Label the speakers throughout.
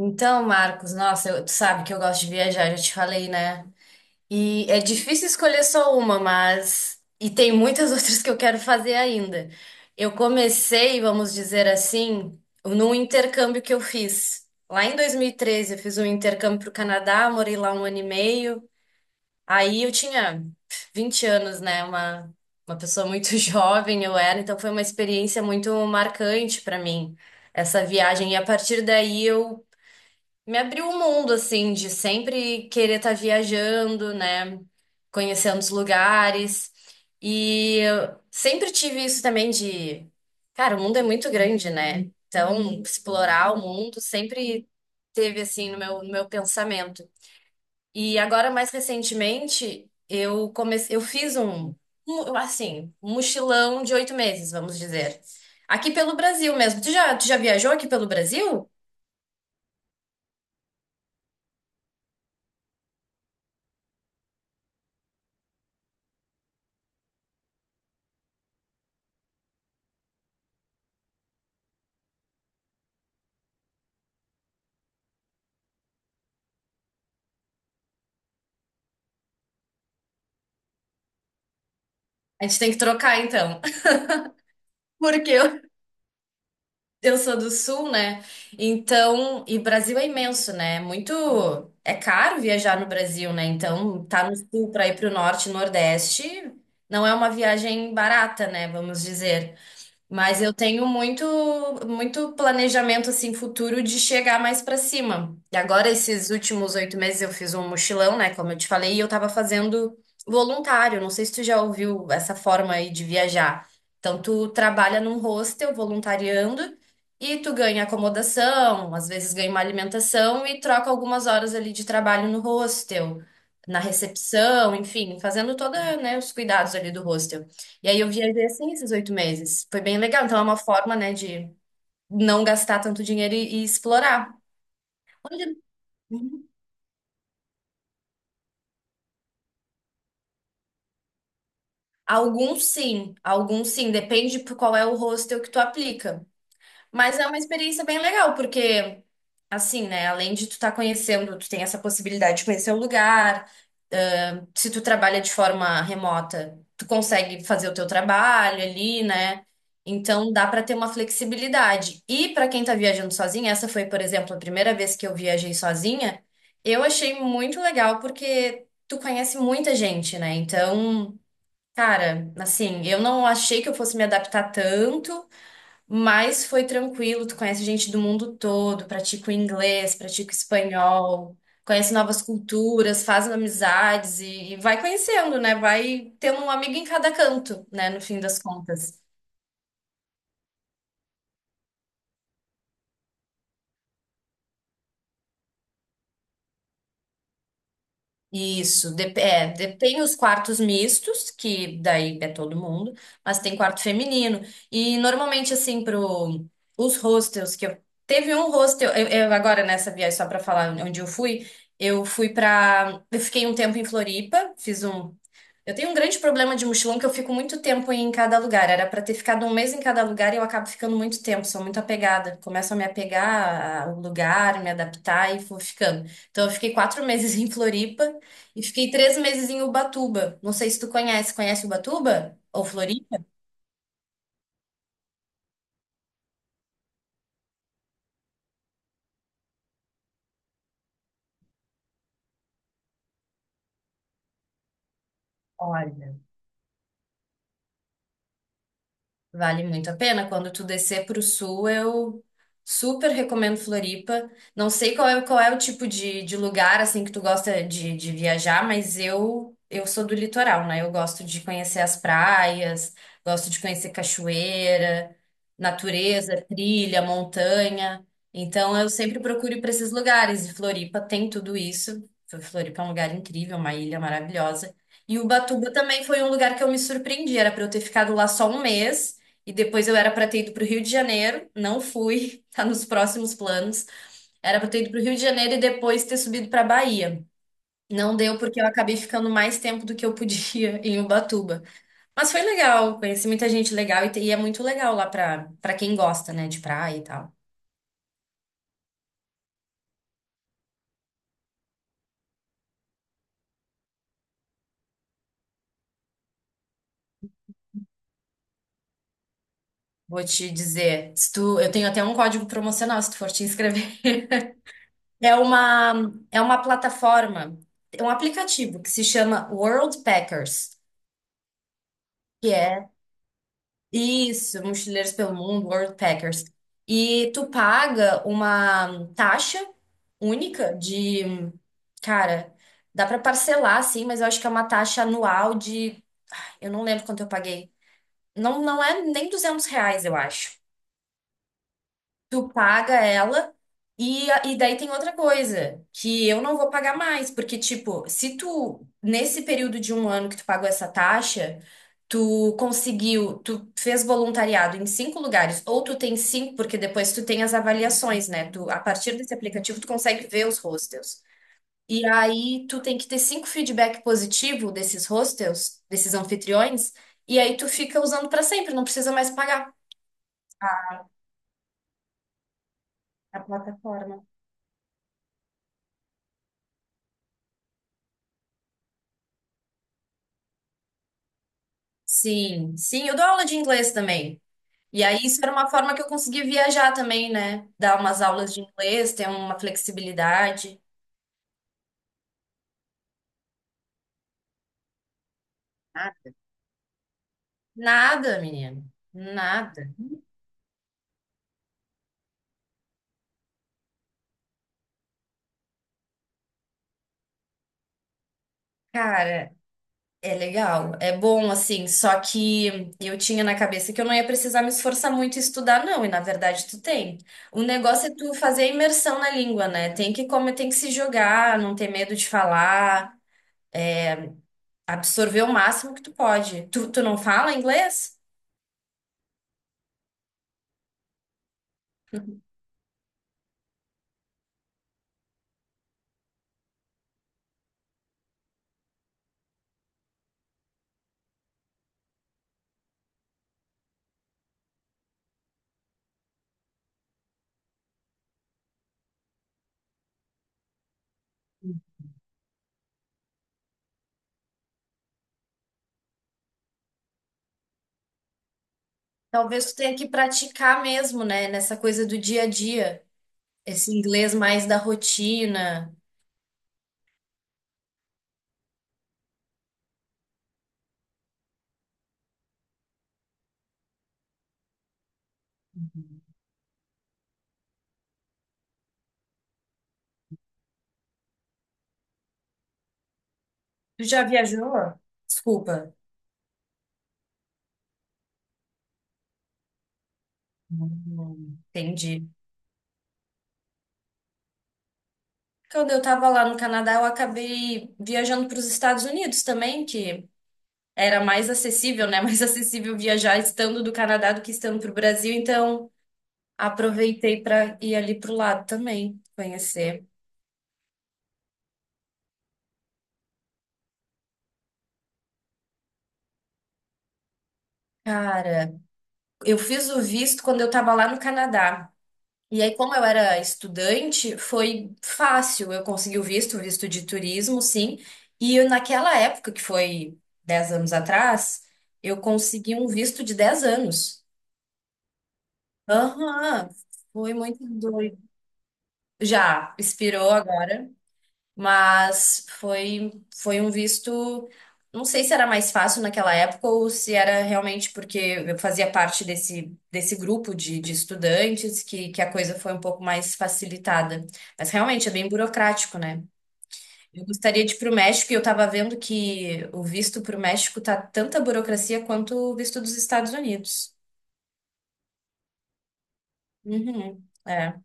Speaker 1: Então, Marcos, nossa, tu sabe que eu gosto de viajar, já te falei, né? E é difícil escolher só uma, mas. E tem muitas outras que eu quero fazer ainda. Eu comecei, vamos dizer assim, num intercâmbio que eu fiz. Lá em 2013 eu fiz um intercâmbio para o Canadá, morei lá um ano e meio. Aí eu tinha 20 anos, né? Uma pessoa muito jovem eu era, então foi uma experiência muito marcante para mim, essa viagem. E a partir daí eu me abriu o mundo, assim, de sempre querer estar viajando, né? Conhecendo os lugares. E eu sempre tive isso também de, cara, o mundo é muito grande, né? Então, explorar o mundo sempre teve, assim, no meu pensamento. E agora, mais recentemente, eu comecei, eu fiz assim, um mochilão de 8 meses, vamos dizer. Aqui pelo Brasil mesmo. Tu já viajou aqui pelo Brasil? A gente tem que trocar, então. Porque eu sou do sul, né? Então, e Brasil é imenso, né? É Muito É caro viajar no Brasil, né? Então, tá no sul para ir para o norte, nordeste, não é uma viagem barata, né? Vamos dizer. Mas eu tenho muito, muito planejamento assim futuro de chegar mais pra cima. E agora, esses últimos 8 meses, eu fiz um mochilão, né? Como eu te falei, e eu tava fazendo voluntário. Não sei se tu já ouviu essa forma aí de viajar. Então, tu trabalha num hostel voluntariando e tu ganha acomodação, às vezes ganha uma alimentação e troca algumas horas ali de trabalho no hostel, na recepção, enfim, fazendo toda, né, os cuidados ali do hostel. E aí eu viajei assim esses 8 meses. Foi bem legal. Então é uma forma, né, de não gastar tanto dinheiro e explorar. Onde- uhum. Alguns sim, alguns sim. Depende por qual é o hostel que tu aplica. Mas é uma experiência bem legal, porque assim, né, além de tu estar conhecendo, tu tem essa possibilidade de conhecer o lugar. Se tu trabalha de forma remota, tu consegue fazer o teu trabalho ali, né? Então dá para ter uma flexibilidade. E para quem tá viajando sozinha, essa foi, por exemplo, a primeira vez que eu viajei sozinha, eu achei muito legal porque tu conhece muita gente, né? Então, cara, assim, eu não achei que eu fosse me adaptar tanto, mas foi tranquilo, tu conhece gente do mundo todo, pratica o inglês, pratica o espanhol, conhece novas culturas, faz amizades e vai conhecendo, né? Vai tendo um amigo em cada canto, né? No fim das contas. Isso, tem os quartos mistos, que daí é todo mundo, mas tem quarto feminino. E normalmente, assim, pro, os hostels que eu. Teve um hostel, eu agora nessa viagem, só pra falar onde eu fui pra. Eu fiquei um tempo em Floripa, fiz um eu tenho um grande problema de mochilão que eu fico muito tempo em cada lugar. Era pra ter ficado um mês em cada lugar e eu acabo ficando muito tempo, sou muito apegada. Começo a me apegar ao lugar, me adaptar e vou ficando. Então eu fiquei quatro meses em Floripa e fiquei 3 meses em Ubatuba. Não sei se tu conhece. Conhece Ubatuba ou Floripa? Olha. Vale muito a pena. Quando tu descer para o sul, eu super recomendo Floripa. Não sei qual é o tipo de lugar assim que tu gosta de viajar, mas eu sou do litoral, né? Eu gosto de conhecer as praias, gosto de conhecer cachoeira, natureza, trilha, montanha. Então eu sempre procuro ir para esses lugares e Floripa tem tudo isso. Floripa é um lugar incrível, uma ilha maravilhosa. E Ubatuba também foi um lugar que eu me surpreendi. Era para eu ter ficado lá só um mês. E depois eu era para ter ido para o Rio de Janeiro, não fui, tá nos próximos planos. Era para ter ido para o Rio de Janeiro e depois ter subido para Bahia. Não deu porque eu acabei ficando mais tempo do que eu podia em Ubatuba. Mas foi legal, conheci muita gente legal e, e é muito legal lá para quem gosta, né, de praia e tal. Vou te dizer, se tu, eu tenho até um código promocional se tu for te inscrever. É uma, é uma plataforma, é um aplicativo que se chama World Packers, que é isso, Mochileiros pelo Mundo, World Packers. E tu paga uma taxa única de, cara, dá pra parcelar assim, mas eu acho que é uma taxa anual de, eu não lembro quanto eu paguei. Não, não é nem R$ 200, eu acho tu paga ela. E, e daí tem outra coisa, que eu não vou pagar mais, porque, tipo, se tu, nesse período de um ano que tu pagou essa taxa, tu conseguiu, tu fez voluntariado em cinco lugares, ou tu tem cinco, porque depois tu tem as avaliações, né? Tu, a partir desse aplicativo, tu consegue ver os hostels. E aí tu tem que ter cinco feedback positivo desses hostels, desses anfitriões, e aí tu fica usando pra sempre, não precisa mais pagar a plataforma. Sim, sim, eu dou aula de inglês também. E aí isso era uma forma que eu consegui viajar também, né? Dar umas aulas de inglês, ter uma flexibilidade. Ah, nada, menino, nada. Cara, é legal, é bom assim, só que eu tinha na cabeça que eu não ia precisar me esforçar muito e estudar, não, e na verdade tu tem. O negócio é tu fazer a imersão na língua, né? Tem que como tem que se jogar, não ter medo de falar, absorver o máximo que tu pode. Tu não fala inglês? Talvez tu tenha que praticar mesmo, né? Nessa coisa do dia a dia. Esse inglês mais da rotina. Tu já viajou? Desculpa. Entendi. Quando eu tava lá no Canadá, eu acabei viajando para os Estados Unidos também, que era mais acessível, né? Mais acessível viajar estando do Canadá do que estando para o Brasil. Então, aproveitei para ir ali pro lado também, conhecer. Cara, eu fiz o visto quando eu tava lá no Canadá. E aí, como eu era estudante, foi fácil. Eu consegui o visto de turismo, sim. E eu, naquela época, que foi 10 anos atrás, eu consegui um visto de 10 anos. Aham, foi muito doido. Já, expirou agora. Mas foi, foi um visto. Não sei se era mais fácil naquela época ou se era realmente porque eu fazia parte desse grupo de estudantes que a coisa foi um pouco mais facilitada. Mas realmente é bem burocrático, né? Eu gostaria de ir para o México e eu estava vendo que o visto para o México tá tanta burocracia quanto o visto dos Estados Unidos. Uhum, é.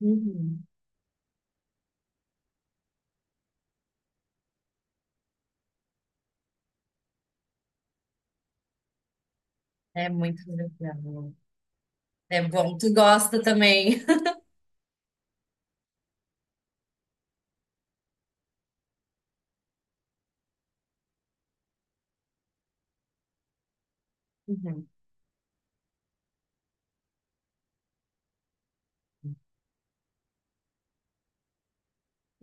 Speaker 1: Uhum. É muito legal. É bom, tu gosta também. Uhum.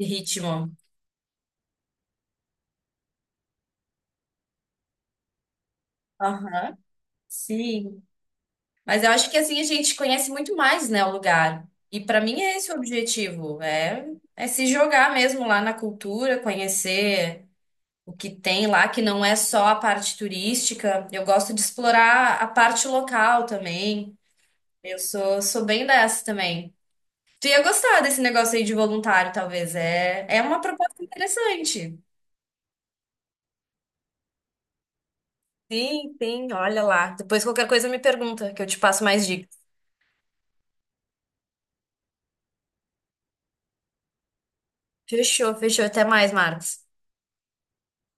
Speaker 1: Ritmo. Aham. Sim, mas eu acho que assim a gente conhece muito mais, né, o lugar. E para mim é esse o objetivo, é, é se jogar mesmo lá na cultura, conhecer o que tem lá, que não é só a parte turística. Eu gosto de explorar a parte local também. Eu sou bem dessa também. Tu ia gostar desse negócio aí de voluntário, talvez. É, é uma proposta interessante. Sim, sim, olha lá. Depois qualquer coisa me pergunta, que eu te passo mais dicas. Fechou, fechou. Até mais, Marcos.